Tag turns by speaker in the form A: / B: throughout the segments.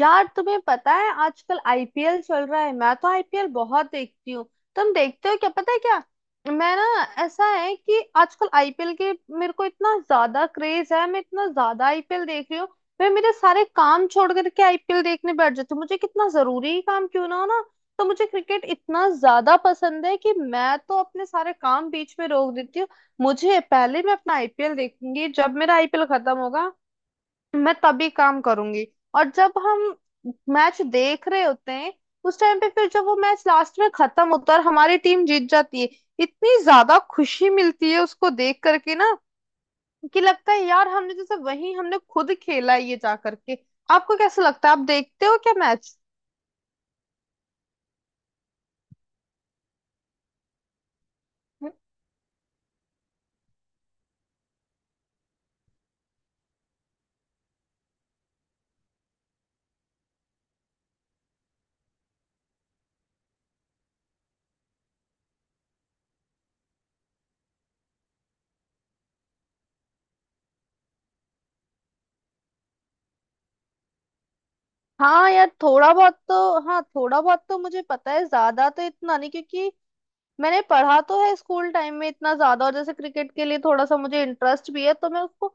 A: यार तुम्हें पता है आजकल आईपीएल चल रहा है। मैं तो आईपीएल बहुत देखती हूँ। तुम देखते हो क्या? पता है क्या, मैं ना ऐसा है कि आजकल आईपीएल के मेरे को इतना ज्यादा क्रेज है, मैं इतना ज्यादा आईपीएल देख रही हूँ। मैं मेरे सारे काम छोड़ करके आईपीएल देखने बैठ जाती हूँ, मुझे कितना जरूरी काम क्यों ना हो ना। तो मुझे क्रिकेट इतना ज्यादा पसंद है कि मैं तो अपने सारे काम बीच में रोक देती हूँ। मुझे पहले मैं अपना आईपीएल देखूंगी, जब मेरा आईपीएल खत्म होगा मैं तभी काम करूंगी। और जब हम मैच देख रहे होते हैं उस टाइम पे, फिर जब वो मैच लास्ट में खत्म होता है और हमारी टीम जीत जाती है, इतनी ज्यादा खुशी मिलती है उसको देख करके ना, कि लगता है यार हमने जैसे वही, हमने खुद खेला है ये जा करके। आपको कैसा लगता है? आप देखते हो क्या मैच? हाँ यार थोड़ा बहुत तो हाँ थोड़ा बहुत तो मुझे पता है, ज्यादा तो इतना नहीं क्योंकि मैंने पढ़ा तो है स्कूल टाइम में इतना ज्यादा, और जैसे क्रिकेट के लिए थोड़ा सा मुझे इंटरेस्ट भी है तो मैं उसको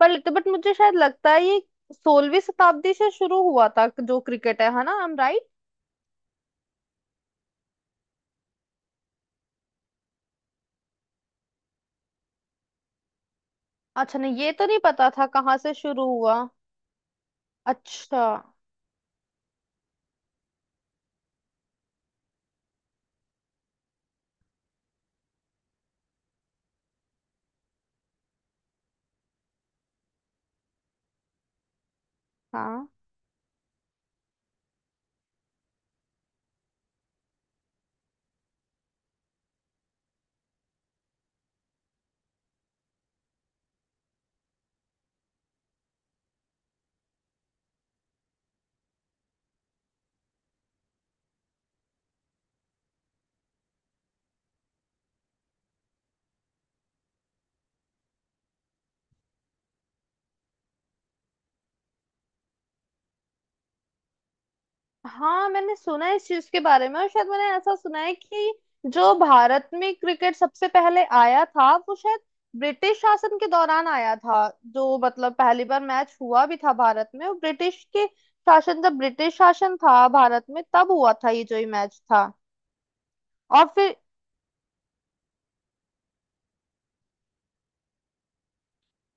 A: पढ़ लेती हूँ। बट मुझे शायद लगता है ये सोलहवीं शताब्दी से शुरू हुआ था जो क्रिकेट है ना? I am right? अच्छा, नहीं ये तो नहीं पता था कहाँ से शुरू हुआ। अच्छा। हाँ। हाँ मैंने सुना है इस चीज के बारे में, और शायद मैंने ऐसा सुना है कि जो भारत में क्रिकेट सबसे पहले आया था वो शायद ब्रिटिश शासन के दौरान आया था। जो मतलब पहली बार मैच हुआ भी था भारत में वो ब्रिटिश के शासन, जब ब्रिटिश शासन था भारत में तब हुआ था ये जो ये मैच था। और फिर,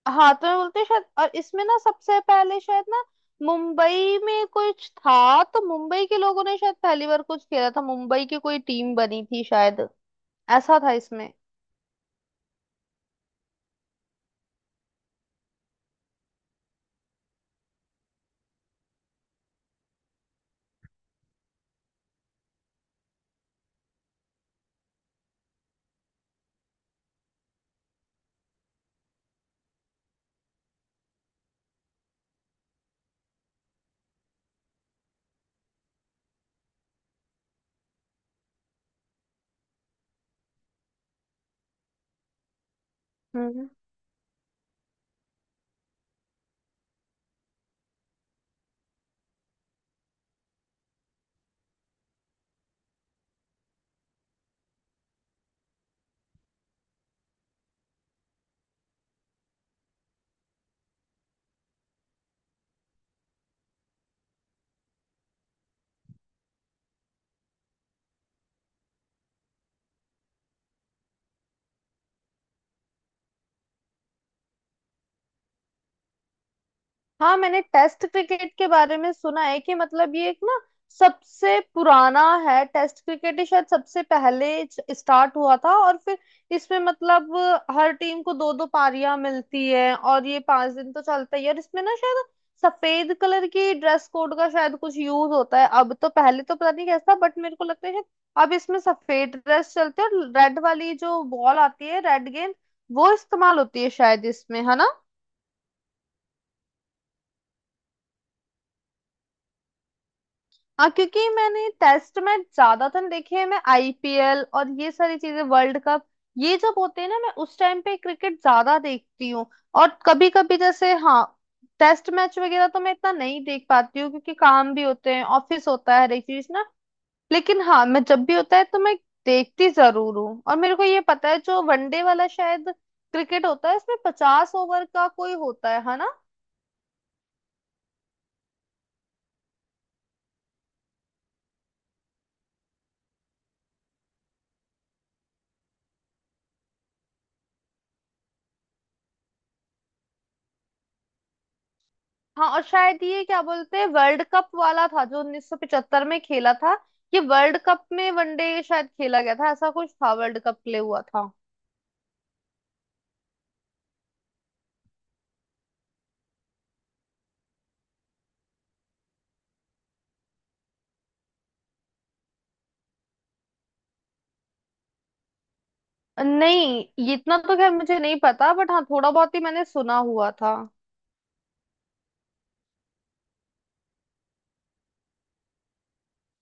A: हाँ तो मैं बोलते हैं शायद, और इसमें ना सबसे पहले शायद ना, मुंबई में कुछ था, तो मुंबई के लोगों ने शायद पहली बार कुछ खेला था, मुंबई की कोई टीम बनी थी शायद, ऐसा था इसमें। हम्म। हाँ मैंने टेस्ट क्रिकेट के बारे में सुना है कि मतलब ये एक ना सबसे पुराना है, टेस्ट क्रिकेट ही शायद सबसे पहले स्टार्ट हुआ था। और फिर इसमें मतलब हर टीम को दो दो पारियां मिलती है, और ये 5 दिन तो चलता ही है। और इसमें ना शायद सफेद कलर की ड्रेस कोड का शायद कुछ यूज होता है, अब तो, पहले तो पता नहीं कैसा बट मेरे को लगता है शायद अब इसमें सफेद ड्रेस चलती है, और रेड वाली जो बॉल आती है, रेड गेंद वो इस्तेमाल होती है शायद इसमें, है ना? हाँ क्योंकि मैंने टेस्ट में ज्यादातर देखे हैं, मैं आईपीएल और ये सारी चीजें, वर्ल्ड कप ये जब होते हैं ना, मैं उस टाइम पे क्रिकेट ज्यादा देखती हूँ। और कभी कभी जैसे, हाँ, टेस्ट मैच वगैरह तो मैं इतना नहीं देख पाती हूँ क्योंकि काम भी होते हैं, ऑफिस होता है, हर एक चीज ना। लेकिन हाँ, मैं जब भी होता है तो मैं देखती जरूर हूँ। और मेरे को ये पता है जो वनडे वाला शायद क्रिकेट होता है, इसमें 50 ओवर का कोई होता है ना? हाँ, और शायद ये क्या बोलते हैं, वर्ल्ड कप वाला था जो 1975 में खेला था। ये वर्ल्ड कप में वनडे शायद खेला गया था, ऐसा कुछ था वर्ल्ड कप के लिए हुआ था। नहीं ये इतना तो खैर मुझे नहीं पता, बट हाँ थोड़ा बहुत ही मैंने सुना हुआ था।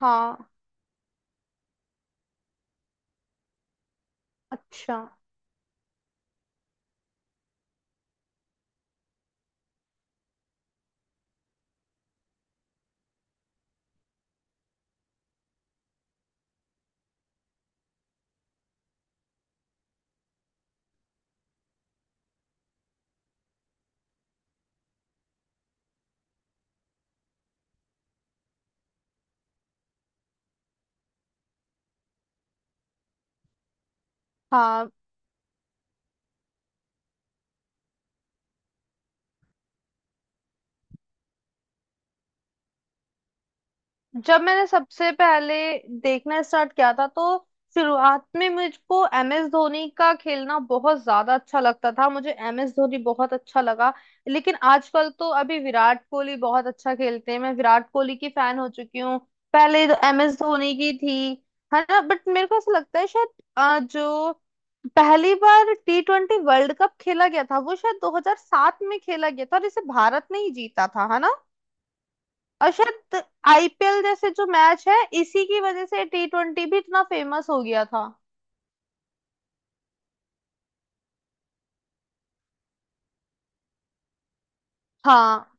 A: हाँ। अच्छा। हाँ, जब मैंने सबसे पहले देखना स्टार्ट किया था, तो शुरुआत में मुझको MS धोनी का खेलना बहुत ज्यादा अच्छा लगता था, मुझे MS धोनी बहुत अच्छा लगा। लेकिन आजकल तो अभी विराट कोहली बहुत अच्छा खेलते हैं, मैं विराट कोहली की फैन हो चुकी हूँ। पहले तो MS धोनी की थी, है ना? बट मेरे को ऐसा लगता है शायद, जो पहली बार टी ट्वेंटी वर्ल्ड कप खेला गया था वो शायद 2007 में खेला गया था, और इसे भारत ने ही जीता था, है ना? और शायद आईपीएल जैसे जो मैच है, इसी की वजह से टी ट्वेंटी भी इतना फेमस हो गया था। हाँ।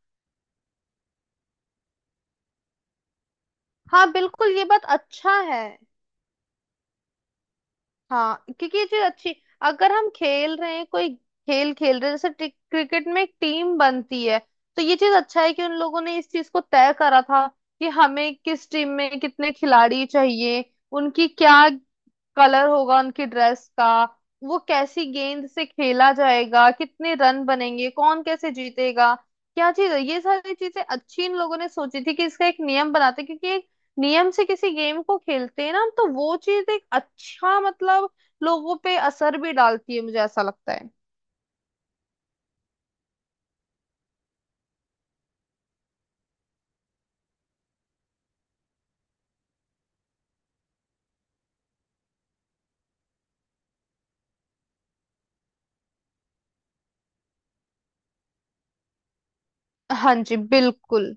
A: हाँ बिल्कुल, ये बात अच्छा है। हाँ क्योंकि ये चीज अच्छी, अगर हम खेल रहे हैं, कोई खेल खेल रहे हैं जैसे क्रिकेट में एक टीम बनती है, तो ये चीज अच्छा है कि उन लोगों ने इस चीज को तय करा था कि हमें किस टीम में कितने खिलाड़ी चाहिए, उनकी क्या कलर होगा उनकी ड्रेस का, वो कैसी गेंद से खेला जाएगा, कितने रन बनेंगे, कौन कैसे जीतेगा, क्या चीज है। ये सारी चीजें अच्छी इन लोगों ने सोची थी कि इसका एक नियम बनाते हैं, क्योंकि एक नियम से किसी गेम को खेलते हैं ना हम, तो वो चीज एक अच्छा, मतलब लोगों पे असर भी डालती है, मुझे ऐसा लगता है। हाँ जी बिल्कुल।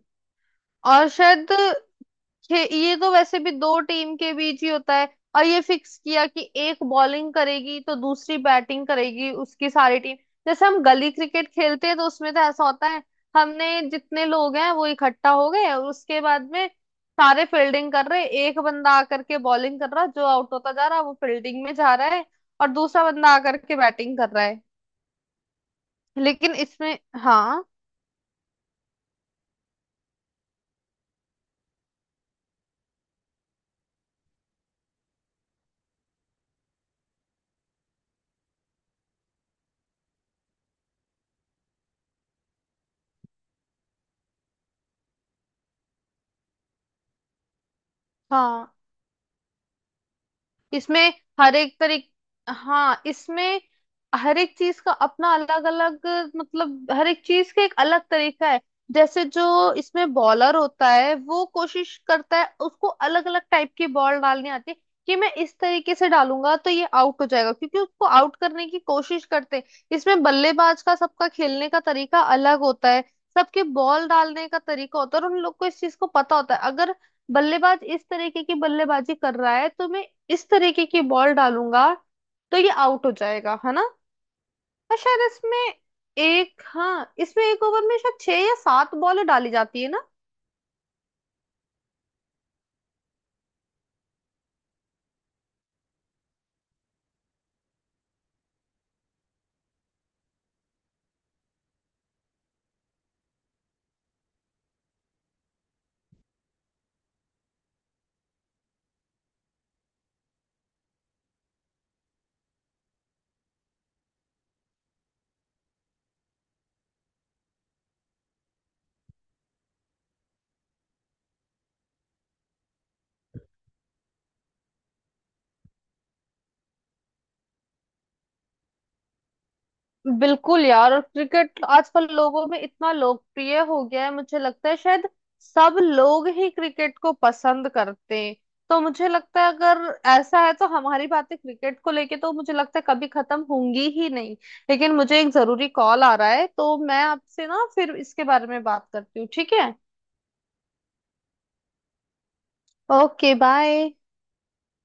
A: और शायद, ये तो वैसे भी दो टीम के बीच ही होता है, और ये फिक्स किया कि एक बॉलिंग करेगी तो दूसरी बैटिंग करेगी उसकी सारी टीम। जैसे हम गली क्रिकेट खेलते हैं तो उसमें तो ऐसा होता है, हमने जितने लोग हैं वो इकट्ठा हो गए, और उसके बाद में सारे फील्डिंग कर रहे हैं। एक बंदा आकर के बॉलिंग कर रहा है, जो आउट होता जा रहा है वो फील्डिंग में जा रहा है, और दूसरा बंदा आकर के बैटिंग कर रहा है। लेकिन इसमें, हाँ। हाँ इसमें हर एक तरीक हाँ इसमें हर एक चीज का अपना अलग अलग, मतलब हर एक चीज का एक अलग तरीका है। जैसे जो इसमें बॉलर होता है वो कोशिश करता है, उसको अलग अलग टाइप की बॉल डालनी आती है, कि मैं इस तरीके से डालूंगा तो ये आउट हो जाएगा, क्योंकि उसको आउट करने की कोशिश करते हैं। इसमें बल्लेबाज का सबका खेलने का तरीका अलग होता है, सबके बॉल डालने का तरीका होता है, और उन लोग को इस चीज को पता होता है, अगर बल्लेबाज इस तरीके की बल्लेबाजी कर रहा है तो मैं इस तरीके की बॉल डालूंगा तो ये आउट हो जाएगा, है ना? और शायद इसमें एक, हाँ इसमें एक ओवर में शायद 6 या 7 बॉल डाली जाती है ना। बिल्कुल यार, और क्रिकेट आजकल लोगों में इतना लोकप्रिय हो गया है, मुझे लगता है शायद सब लोग ही क्रिकेट को पसंद करते हैं। तो मुझे लगता है अगर ऐसा है तो हमारी बातें क्रिकेट को लेके तो मुझे लगता है कभी खत्म होंगी ही नहीं। लेकिन मुझे एक जरूरी कॉल आ रहा है, तो मैं आपसे ना फिर इसके बारे में बात करती हूँ, ठीक है? Okay bye.